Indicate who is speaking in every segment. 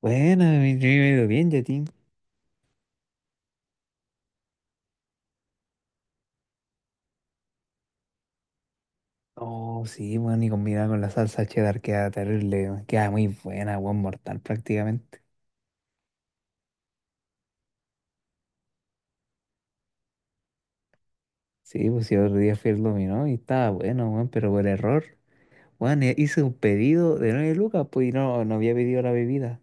Speaker 1: Bueno, yo me he ido bien, Yatín. Oh, sí, bueno, y combinada con la salsa cheddar queda terrible, weón. Queda muy buena, buen mortal prácticamente. Sí, pues si otro día fui al dominó y estaba bueno, weón, pero por error, weón, hice un pedido de 9 lucas, pues y no había pedido la bebida.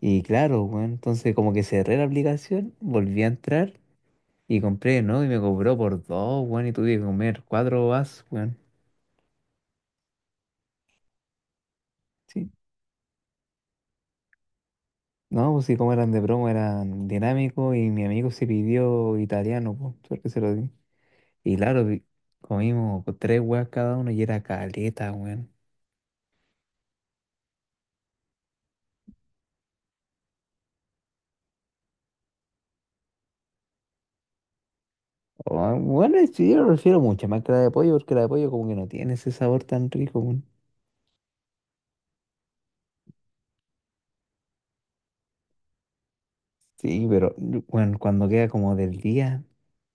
Speaker 1: Y claro, weón, entonces como que cerré la aplicación, volví a entrar y compré, ¿no? Y me cobró por dos, weón, y tuve que comer cuatro vasos, weón. Sí. No, pues sí, como eran de broma eran dinámicos y mi amigo se pidió italiano, pues, suerte que se lo di. Y claro, comimos pues, tres weas cada uno y era caleta, weón. Oh, bueno, sí, yo prefiero mucho más que la de pollo, porque la de pollo como que no tiene ese sabor tan rico, weón. Sí, pero bueno, cuando queda como del día,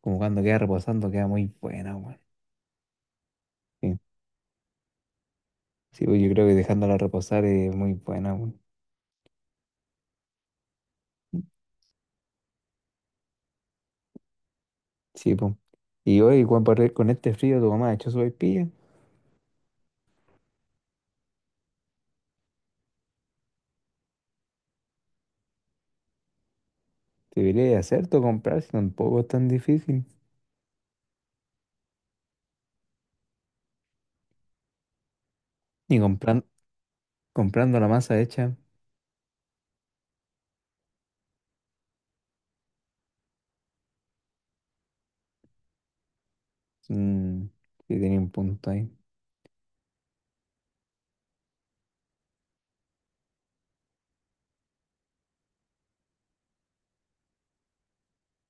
Speaker 1: como cuando queda reposando, queda muy buena, weón. Sí, sí, pues, yo creo que dejándola reposar es muy buena, weón. Sí, pues. Y hoy, Juan, con este frío, tu mamá ha hecho su sopaipilla. Debería hacerte comprar si tampoco es tan difícil. Y comprando la masa hecha, mm, sí tenía un punto ahí.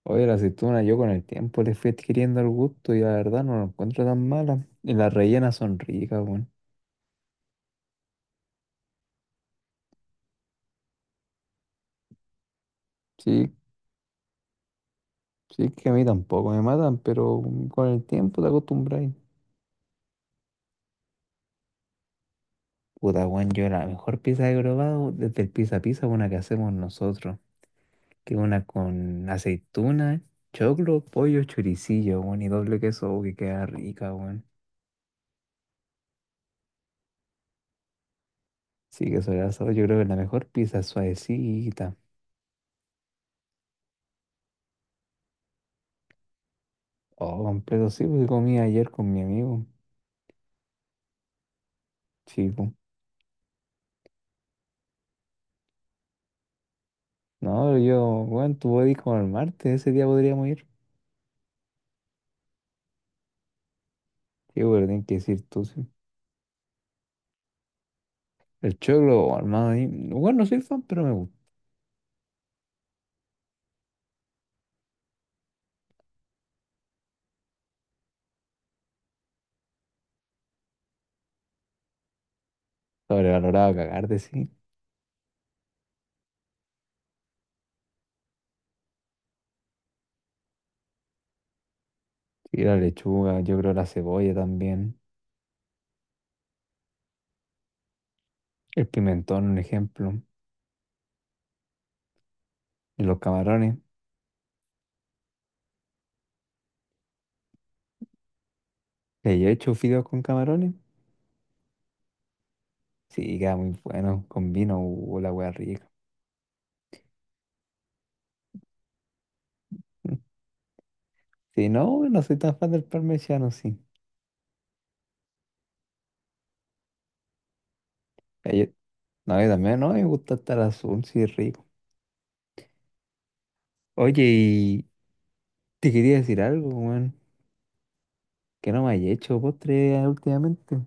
Speaker 1: Oye, la aceituna yo con el tiempo le fui adquiriendo el gusto y la verdad no la encuentro tan mala. Y las rellenas son ricas, bueno. Sí, sí es que a mí tampoco me matan, pero con el tiempo te acostumbras. Puta, weón, yo la mejor pizza que he probado desde el pizza pizza, una que hacemos nosotros, que es una con aceituna, choclo, pollo, choricillo, weón, y doble queso, oh, que queda rica, weón. Sí, que sobre asado, yo creo que la mejor pizza suavecita. Oh, completo, sí, porque comí ayer con mi amigo, chico. No, yo, bueno, tú podés ir como el martes, ese día podríamos ir. Sí, pero tienes que decir tú, sí. El choclo, oh, hermano, bueno, no soy fan, pero me gusta. Sobrevalorado a cagar de sí. Sí, la lechuga, yo creo la cebolla también. El pimentón, un ejemplo. Y los camarones. ¿Le he hecho fideos con camarones? Sí, queda muy bueno. Con vino, la wea rica. Si no, no soy tan fan del parmesano, sí. Ay no, yo también, no, me gusta estar azul, sí, es rico. Oye, y te quería decir algo, weón, que no me hayas hecho postre últimamente.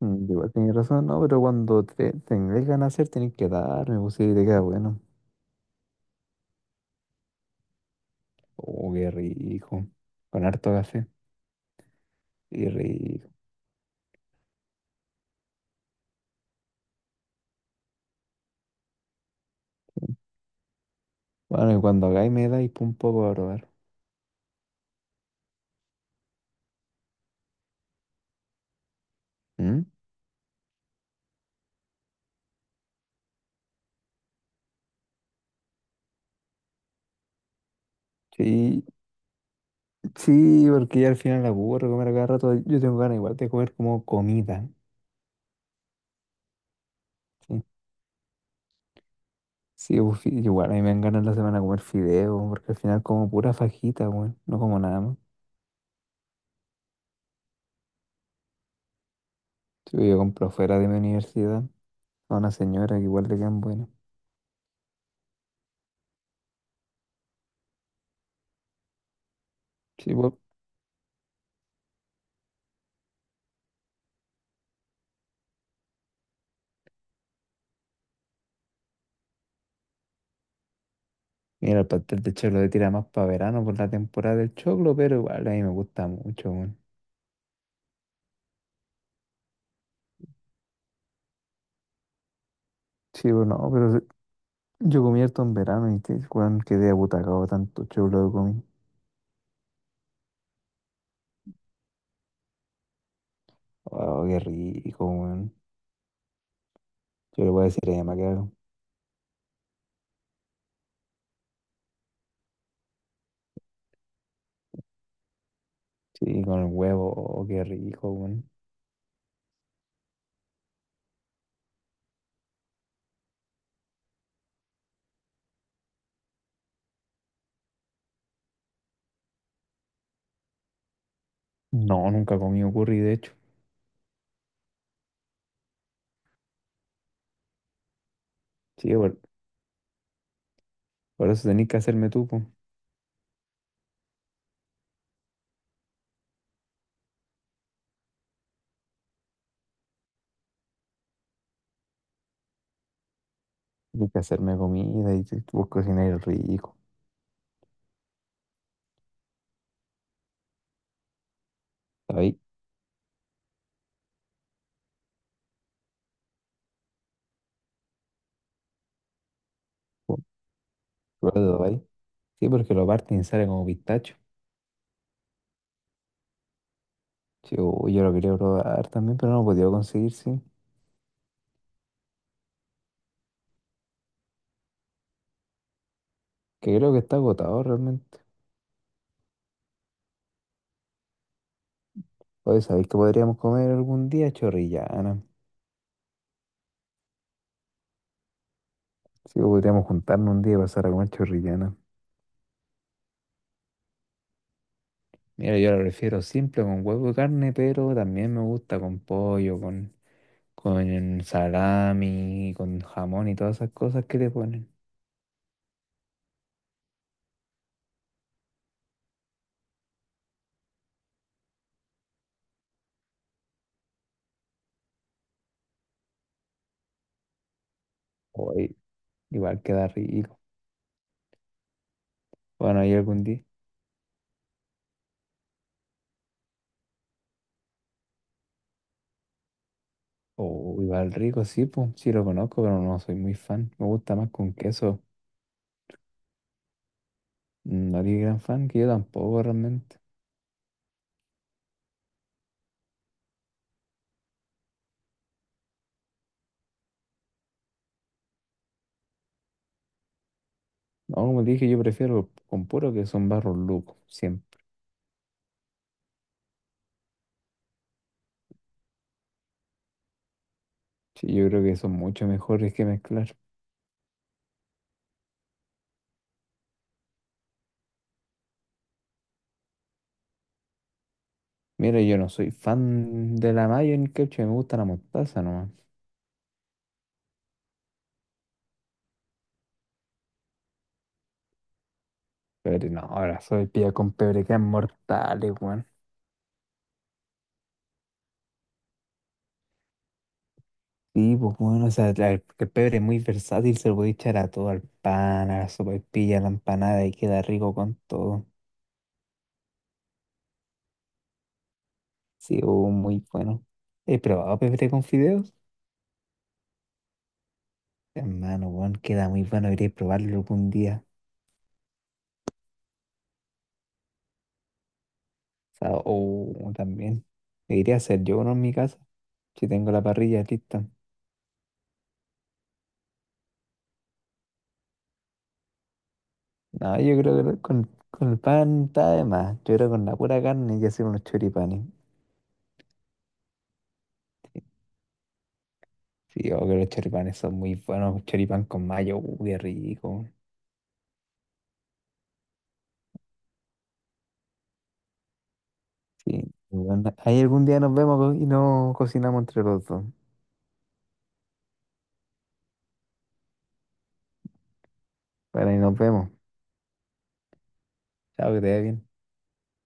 Speaker 1: Mm, igual tenés razón, no, pero cuando tenés ganas de hacer, tenés que darme, pues sí, te queda bueno. Oh, qué rico. Con harto café, qué rico. Bueno, y cuando hagáis me dais pa' un poco a probar. ¿Mm? Sí, sí, porque ya al final la aburro comer a cada rato. Yo tengo ganas igual de comer como comida. Sí. Sí, pues, igual a mí me dan ganas la semana de comer fideo, porque al final como pura fajita, weón, no como nada más. Sí, yo compro fuera de mi universidad a una señora que igual le quedan buenas. Sí, pues, mira, el pastel de choclo le tira más para verano por la temporada del choclo, pero igual a mí me gusta mucho, weón. Sí, pues no, pero yo comí harto en verano y te, weón, quedé abutacado tanto choclo que comí. Oh, qué rico, weón. Yo le voy a decir a mi mamá que haga. Sí, con el huevo, oh, qué rico, weón. No, nunca he comido curry, de hecho. Sí, weón. Por eso tenés que hacerme tú, po. Tenés que hacerme comida y vos cocináis rico. ¿Sabéis? Po, ¿lo ahí? Sí, porque lo parten y sale como pistacho. Sí, uy, yo lo quería probar también, pero no lo he podido conseguir, sí. Que creo que está agotado realmente. Oye, ¿sabéis que podríamos comer algún día chorrillana? Sí, o podríamos juntarnos un día y pasar a comer chorrillana. Mira, yo lo prefiero simple con huevo y carne, pero también me gusta con pollo, con salami, con jamón y todas esas cosas que le ponen. Oye, igual queda rico. Bueno, y algún día. Oh, igual rico, sí, pues, sí lo conozco, pero no soy muy fan. Me gusta más con queso. No eres gran fan, que yo tampoco realmente. No, como te dije, yo prefiero con puro que son barros locos, siempre. Sí, yo creo que son mucho mejores que mezclar. Mira, yo no soy fan de la mayo ni ketchup, me gusta la mostaza nomás. Pero no, ahora soy pilla con pebre que es mortal, weón. Sí, pues bueno, o sea, el pebre es muy versátil, se lo puede echar a todo, al pan, a la sopaipilla, a la empanada y queda rico con todo. Sí, oh, muy bueno. ¿He probado pebre con fideos? Hermano, bueno, queda muy bueno, iré a probarlo algún día. O sea, oh, también. Me iré a hacer yo uno en mi casa, si tengo la parrilla lista. No, yo creo que con el pan está de más. Yo creo que con la pura carne y hacer unos choripanes. Sí, oh, que los choripanes son muy buenos, choripán con mayo, uy, qué rico. Sí. Bueno, ahí algún día nos vemos pues, y nos cocinamos entre los dos. Para ahí nos vemos. Chao, que te vaya bien.